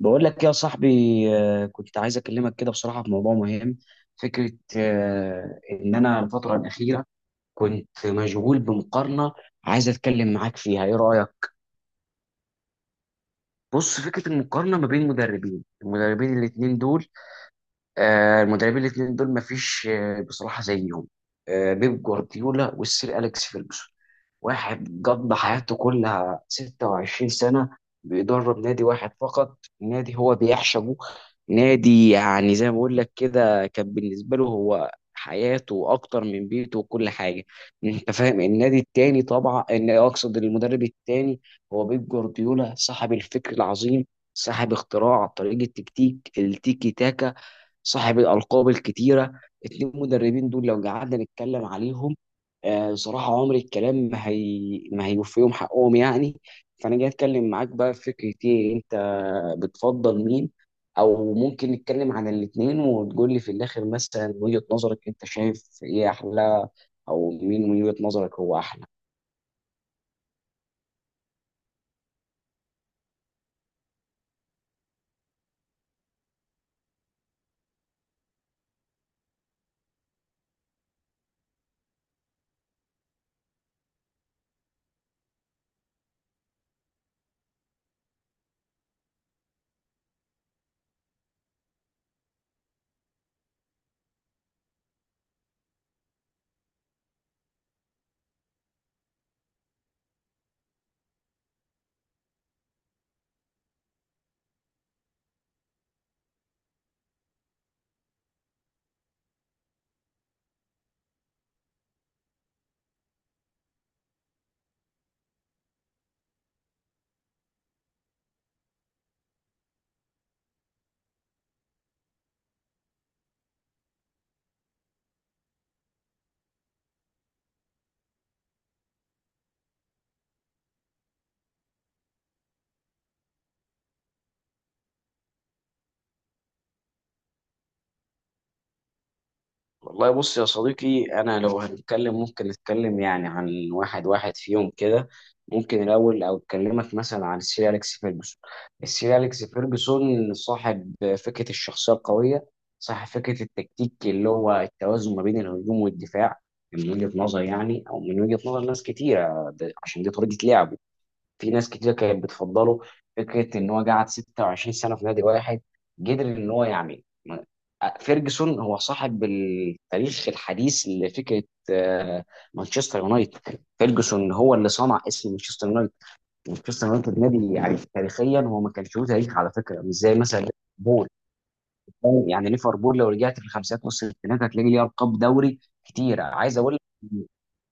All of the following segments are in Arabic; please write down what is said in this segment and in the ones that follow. بقول لك يا صاحبي. كنت عايز اكلمك كده بصراحه في موضوع مهم. فكره ان انا الفتره الاخيره كنت مشغول بمقارنه عايز اتكلم معاك فيها، ايه رايك؟ بص، فكره المقارنه ما بين المدربين الاثنين دول. المدربين الاثنين دول مفيش بصراحه زيهم، بيب جوارديولا والسير اليكس فيرجسون. واحد قضى حياته كلها 26 سنه بيدرب نادي واحد فقط، نادي هو بيعشقه، نادي يعني زي ما بقول لك كده كان بالنسبه له هو حياته اكتر من بيته وكل حاجه، انت فاهم؟ النادي التاني، طبعا ان اقصد المدرب التاني، هو بيب جوارديولا، صاحب الفكر العظيم، صاحب اختراع طريقه تكتيك التيكي تاكا، صاحب الألقاب الكتيرة. اتنين مدربين دول لو قعدنا نتكلم عليهم، بصراحة عمر الكلام ما ما هيوفيهم حقهم يعني. فأنا جاي أتكلم معاك بقى في فكرة إيه، أنت بتفضل مين؟ أو ممكن نتكلم عن الاتنين وتقول لي في الآخر مثلا وجهة نظرك، أنت شايف إيه أحلى؟ أو مين من وجهة نظرك هو أحلى؟ والله بص يا صديقي، انا لو هنتكلم ممكن نتكلم يعني عن واحد واحد فيهم كده. ممكن الاول او اكلمك مثلا عن السير اليكس فيرجسون. السير اليكس فيرجسون صاحب فكره الشخصيه القويه، صاحب فكره التكتيك اللي هو التوازن ما بين الهجوم والدفاع. من وجهه نظري يعني او من وجهه نظر ناس كتيره، عشان دي طريقه لعبه في ناس كتير كانت بتفضله. فكره ان هو قعد 26 سنه في نادي واحد قدر ان هو يعمل. فيرجسون هو صاحب التاريخ الحديث لفكره آه، مانشستر يونايتد. فيرجسون هو اللي صنع اسم مانشستر يونايتد. مانشستر يونايتد نادي يعني تاريخيا هو ما كانش له تاريخ، على فكره، مش زي مثلا ليفربول. يعني ليفربول لو رجعت في الخمسينات نص الستينات هتلاقي ليه القاب دوري كتير، عايز اقول لك.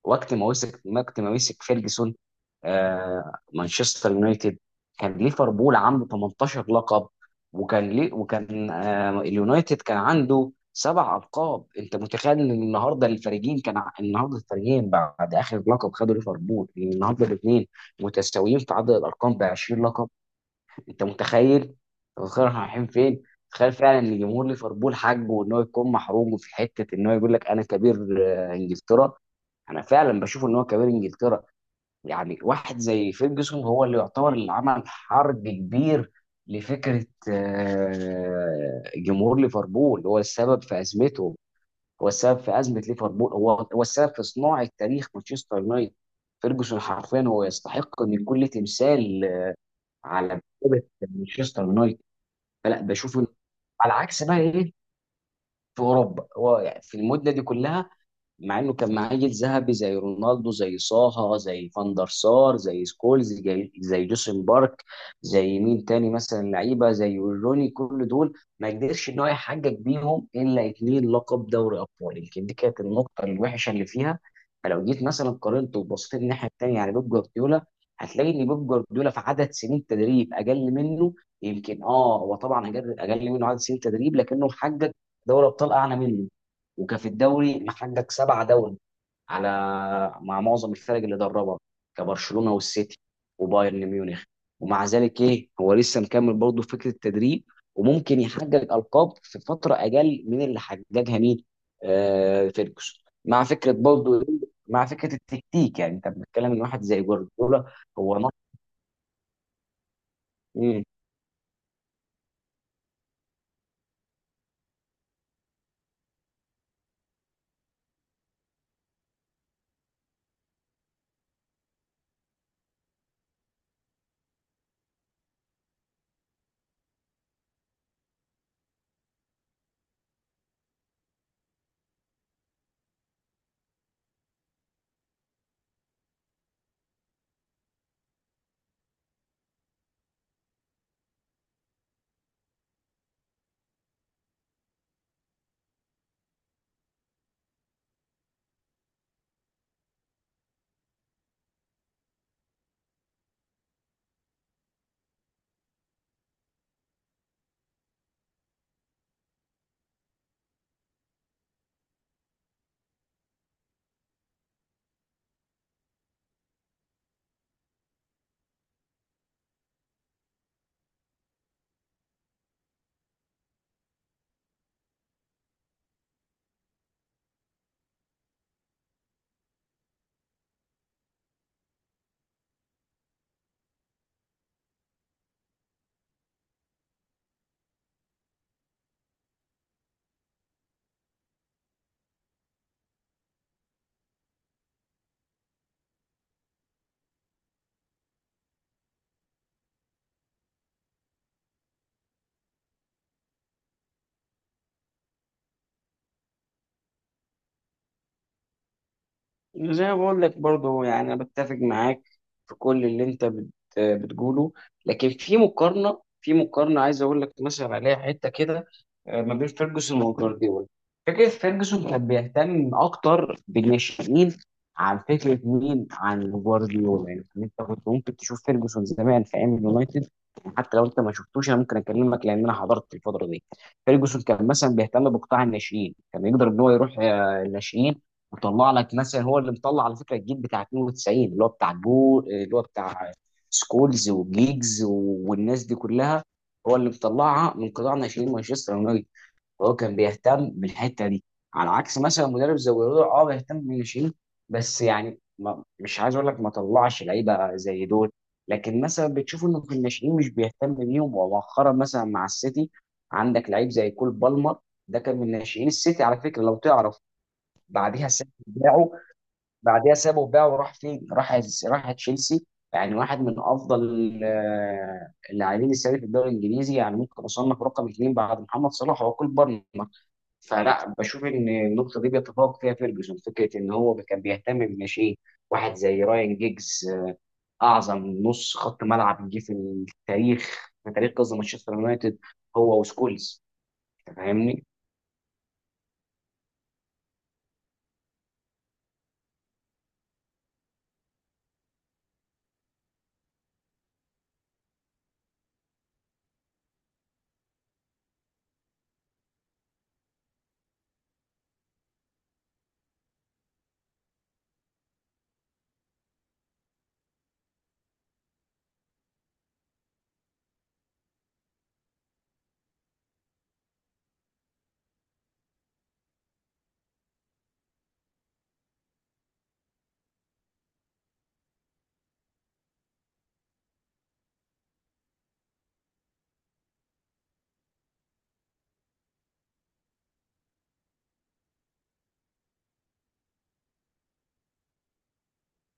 وقت ما مسك فيرجسون مانشستر يونايتد، كان ليفربول عنده 18 لقب، وكان اليونايتد كان عنده سبع القاب. انت متخيل ان النهارده الفريقين النهارده الفريقين بعد اخر لقب خدوا ليفربول لان النهارده الاثنين متساويين في عدد الارقام ب 20 لقب؟ انت متخيل؟ انت متخيل احنا رايحين فين؟ تخيل فعلا ان جمهور ليفربول حقه ان هو يكون محروم في حته ان هو يقول لك انا كبير انجلترا. انا فعلا بشوف ان هو كبير انجلترا. يعني واحد زي فيرجسون هو اللي يعتبر اللي عمل حرب كبير لفكره جمهور ليفربول. هو السبب في ازمتهم، هو السبب في ازمه ليفربول، هو السبب في صناعه تاريخ مانشستر يونايتد. فيرجسون حرفيا هو يستحق ان يكون له تمثال على مكتبه مانشستر يونايتد. فلا بشوف إن- على عكس بقى ايه، في اوروبا هو يعني في المده دي كلها، مع انه كان معاه جيل ذهبي زي رونالدو، زي صاها، زي فان دار سار، زي سكولز، زي جوسن بارك، زي مين تاني مثلا لعيبه زي ويروني، كل دول ما قدرش ان هو يحقق بيهم الا اتنين لقب دوري ابطال. يمكن دي كانت النقطه الوحشه اللي فيها. فلو جيت مثلا قارنته وبصيت الناحيه التانيه على بيب جوارديولا، هتلاقي ان بيب جوارديولا في عدد سنين تدريب اقل منه. يمكن اه هو طبعا أقل منه عدد سنين تدريب، لكنه محقق دوري ابطال اعلى منه، وكان في الدوري محقق سبعة دوري على مع معظم الفرق اللي دربها، كبرشلونة والسيتي وبايرن ميونخ. ومع ذلك ايه، هو لسه مكمل برضه في فكرة التدريب، وممكن يحقق ألقاب في فترة أقل من اللي حققها مين؟ آه، فيرجسون. مع فكرة برضه مع فكرة التكتيك، يعني انت بتتكلم ان واحد زي جوارديولا هو نط. زي ما بقول لك برضه، يعني انا بتفق معاك في كل اللي انت بتقوله، لكن في مقارنه، في مقارنه عايز اقول لك مثلا عليها حته كده ما بين فيرجسون وجوارديولا. فكره فيرجسون كان بيهتم اكتر بالناشئين عن فكره مين، عن جوارديولا. يعني انت كنت ممكن تشوف فيرجسون زمان في ايام اليونايتد، حتى لو انت ما شفتوش انا ممكن اكلمك لان انا حضرت الفتره دي. فيرجسون كان مثلا بيهتم بقطاع الناشئين، كان يقدر ان هو يروح الناشئين وطلع لك مثلا، هو اللي مطلع على فكره الجيل بتاع 92 اللي هو بتاع جو، اللي هو بتاع سكولز وجيجز والناس دي كلها، هو اللي مطلعها من قطاع ناشئين مانشستر يونايتد. وهو كان بيهتم بالحته دي، على عكس مثلا مدرب زي جوارديولا. اه بيهتم بالناشئين، بس يعني ما مش عايز اقول لك ما طلعش لعيبه زي دول، لكن مثلا بتشوف انه في الناشئين مش بيهتم بيهم. ومؤخرا مثلا مع السيتي، عندك لعيب زي كول بالمر، ده كان من ناشئين السيتي على فكره لو تعرف. بعديها السيتي بعديها سابه بقى وراح فين؟ راح راح تشيلسي. يعني واحد من افضل اللاعبين السنه في الدوري الانجليزي، يعني ممكن اصنف رقم اثنين بعد محمد صلاح وكول بالمر. فلا بشوف ان النقطه دي بيتفوق فيها فيرجسون، فكره ان هو كان بيهتم بالناشئين. واحد زي رايان جيجز اعظم نص خط ملعب جه في التاريخ، في تاريخ قصدي مانشستر يونايتد، هو وسكولز. أنت فاهمني؟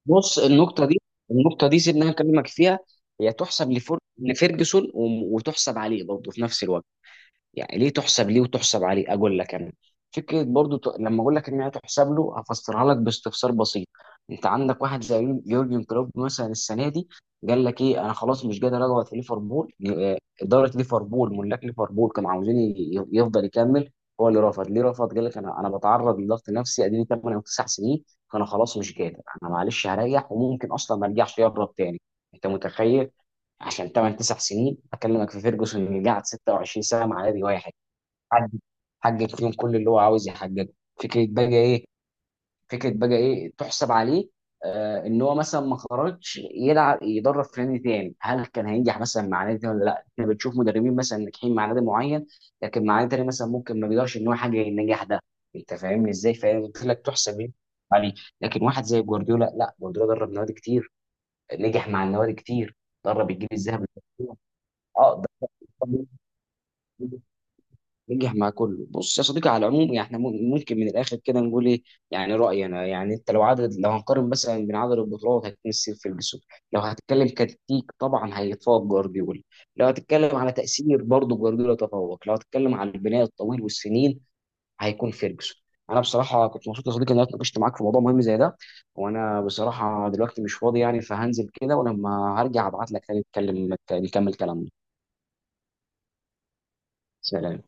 بص، النقطة دي النقطة دي سيبني أنا أكلمك فيها. هي تحسب لفيرجسون وتحسب عليه برضه في نفس الوقت. يعني ليه تحسب ليه وتحسب عليه، اقول لك انا. فكره برضو لما اقول لك ان هي تحسب له هفسرها لك باستفسار بسيط. انت عندك واحد زي يورجن كلوب مثلا السنه دي قال لك ايه؟ انا خلاص مش قادر اقعد في ليفربول. اداره ليفربول، ملاك ليفربول كانوا عاوزين يفضل يكمل، هو اللي رفض. ليه رفض؟ قال لك انا انا بتعرض لضغط نفسي، اديني 8 او 9 سنين فانا خلاص مش قادر، انا معلش هريح وممكن اصلا ما ارجعش، يهرب تاني. انت متخيل؟ عشان 8 9 سنين اكلمك في فيرجسون اللي قعد 26 سنه مع نادي واحد، حقق حقق فيهم كل اللي هو عاوز يحققه. فكره بقى ايه، فكره بقى ايه تحسب عليه؟ آه، ان هو مثلا ما خرجش يلعب يدرب في نادي تاني. هل كان هينجح مثلا مع نادي تاني ولا لا؟ احنا بنشوف مدربين مثلا ناجحين مع نادي معين لكن مع نادي تاني مثلا ممكن ما بيقدرش ان هو يحقق النجاح ده. انت فاهمني ازاي؟ فقلت لك تحسب ايه عليه. لكن واحد زي جوارديولا لا، جوارديولا درب نوادي كتير، نجح مع النوادي كتير، درب الجيل الذهبي. اه درب نجح مع كله. بص يا صديقي، على العموم يعني احنا ممكن من الاخر كده نقول ايه؟ يعني رايي انا، يعني انت لو عدد، لو هنقارن مثلا بين عدد البطولات هتمثل في الجسم. لو هتتكلم كتكتيك طبعا هيتفوق جوارديولا. لو هتتكلم على تاثير برضه جوارديولا تفوق. لو هتتكلم على البناء الطويل والسنين هيكون فيرجسون. انا بصراحه كنت مبسوط يا صديقي ان انا اتناقشت معاك في موضوع مهم زي ده. وانا بصراحه دلوقتي مش فاضي يعني، فهنزل كده ولما هرجع ابعت لك تاني نتكلم نكمل كلامنا. سلام.